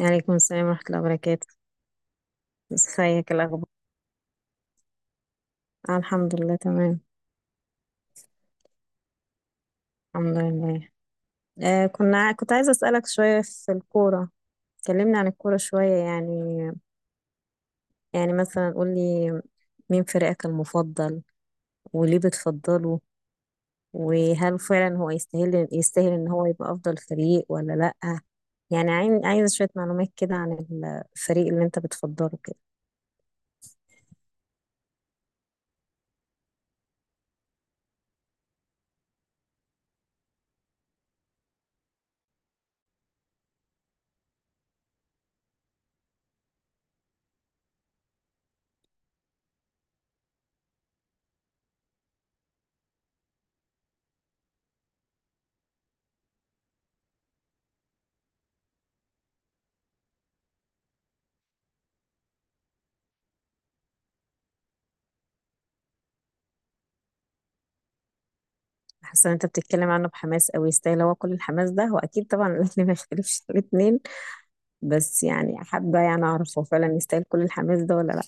عليكم السلام ورحمة الله وبركاته. ازيك الأخبار؟ آه، الحمد لله تمام. الحمد لله. كنت عايزة أسألك شوية في الكورة. كلمني عن الكورة شوية يعني. يعني مثلا قولي، مين فريقك المفضل، وليه بتفضله، وهل فعلا هو يستاهل إن هو يبقى أفضل فريق ولا لأ. يعني عايزة شوية معلومات كده عن الفريق اللي أنت بتفضله كده. حاسة إن أنت بتتكلم عنه بحماس أوي، يستاهل هو كل الحماس ده؟ هو أكيد طبعا الأهلي ما يختلفش في الاتنين. بس يعني حابة يعني أعرف، هو فعلا يستاهل كل الحماس ده ولا لأ؟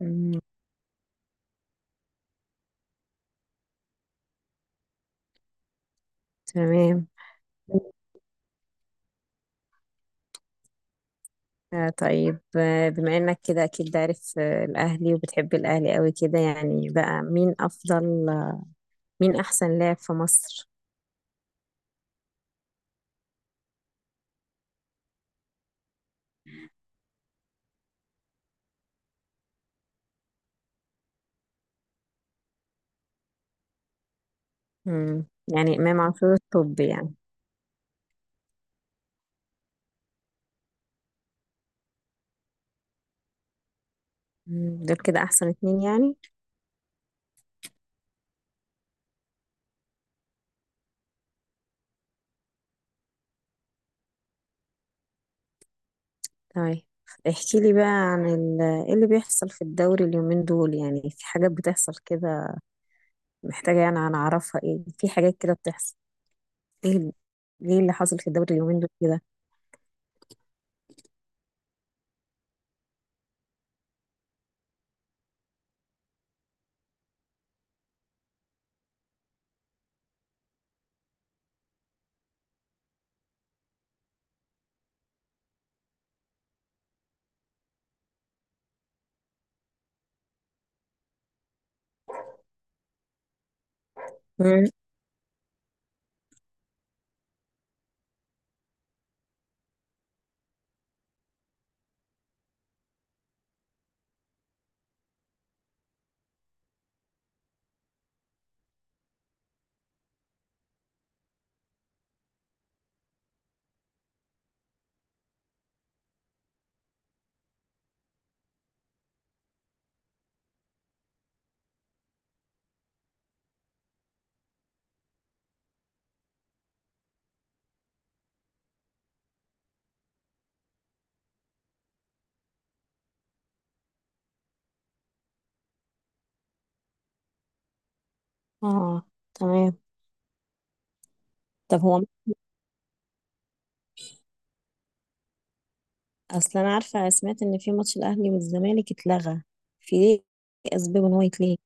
مم. تمام. آه طيب، آه بما إنك كده أكيد عارف آه الأهلي وبتحب الأهلي قوي كده، يعني بقى مين أفضل، مين أحسن لاعب في مصر؟ يعني إمام عاشور الطب يعني. دول كده أحسن اتنين يعني؟ طيب، احكي لي بقى عن ال- ايه اللي بيحصل في الدوري اليومين دول؟ يعني في حاجات بتحصل كده محتاجة يعني أنا أعرفها، ايه في حاجات كده بتحصل؟ ايه ال- ايه اللي حصل في الدوري اليومين دول كده؟ مم. اه تمام. طب هو اصلا انا عارفه، سمعت ان في ماتش الاهلي والزمالك اتلغى. في ايه اسباب ان هو يتلغي؟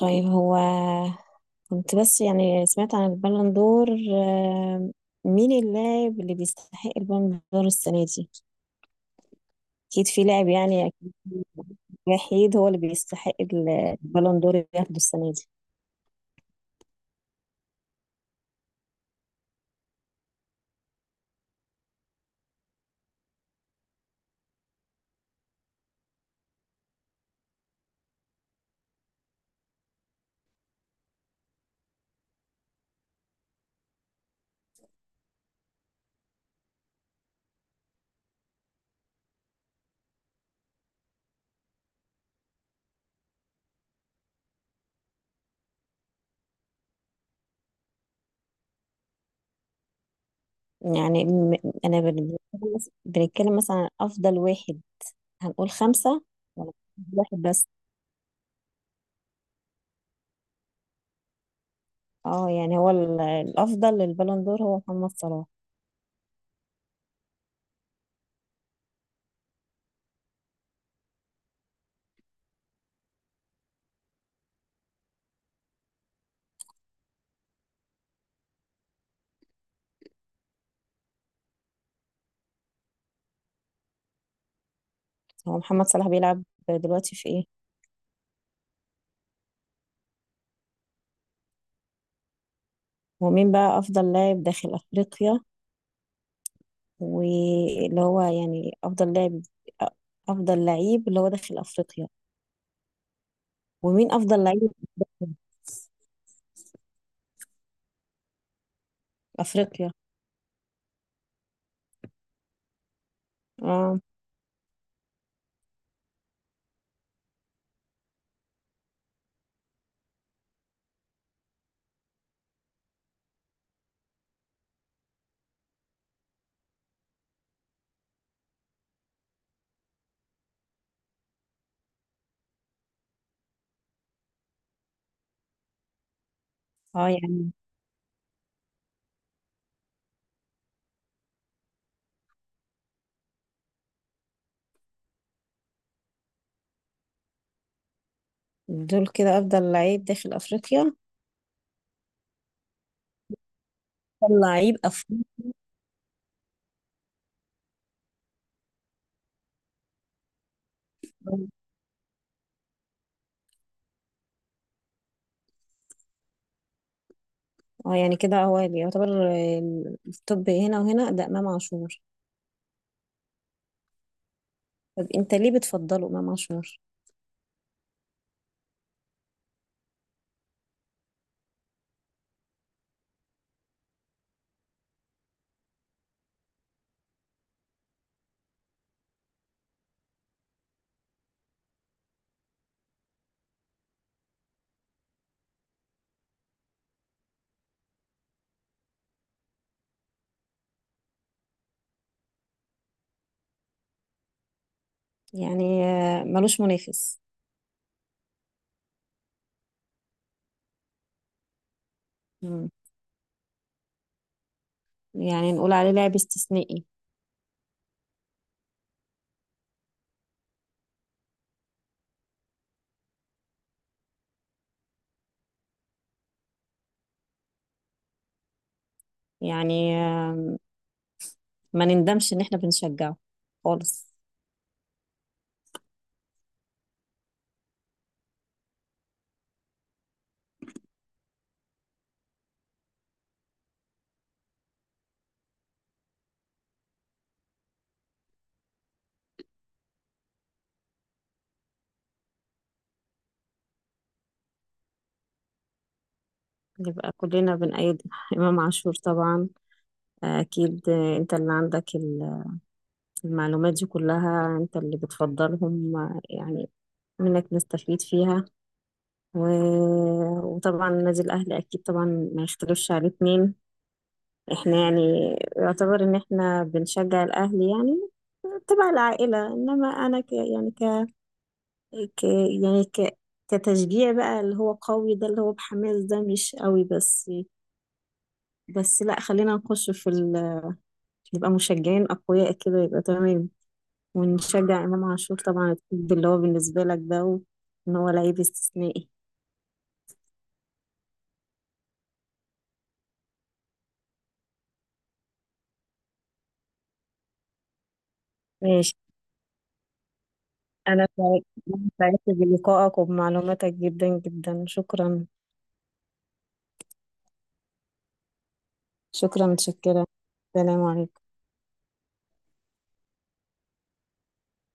طيب هو، كنت بس يعني سمعت عن البالون دور، آه، مين اللاعب اللي بيستحق البالون دور السنه دي؟ اكيد في لاعب يعني، أكيد وحيد هو اللي بيستحق البالون دور اللي ياخده السنه دي. يعني م- انا بن- بنتكلم مثلا عن افضل واحد، هنقول خمسه ولا واحد بس؟ اه يعني هو الافضل للبالون دور هو محمد صلاح. هو محمد صلاح بيلعب دلوقتي في ايه؟ هو مين بقى افضل لاعب داخل افريقيا، واللي هو يعني افضل لاعب، افضل لعيب اللي هو داخل افريقيا؟ ومين افضل لعيب افريقيا؟ اه. اه يعني دول كده افضل لعيب داخل افريقيا؟ افضل لعيب افريقيا؟ اه يعني كده هو اللي يعتبر التوب هنا وهنا ده امام عاشور. طب انت ليه بتفضله امام عاشور؟ يعني آه، ملوش منافس؟ يعني نقول عليه لاعب استثنائي؟ يعني آه، ما نندمش ان احنا بنشجعه خالص؟ يبقى كلنا بنأيد إمام عاشور طبعا. آه، أكيد. آه، أنت اللي عندك المعلومات دي كلها، أنت اللي بتفضلهم آه، يعني منك نستفيد فيها. و... وطبعا نادي الأهلي أكيد طبعا ما يختلفش عليه اتنين. احنا يعني يعتبر إن احنا بنشجع الأهلي يعني تبع العائلة، إنما أنا ك... يعني ك يعني ك كتشجيع بقى اللي هو قوي ده اللي هو بحماس ده، مش قوي بس. لا خلينا نخش في ال... نبقى مشجعين أقوياء كده يبقى تمام. ونشجع إمام عاشور طبعا الطب اللي هو بالنسبة لك ده إن هو لعيب استثنائي. ماشي. أنا سعيد- أنا سعدت بلقائك وبمعلوماتك جدا جدا. شكرا شكرا. سلام عليكم.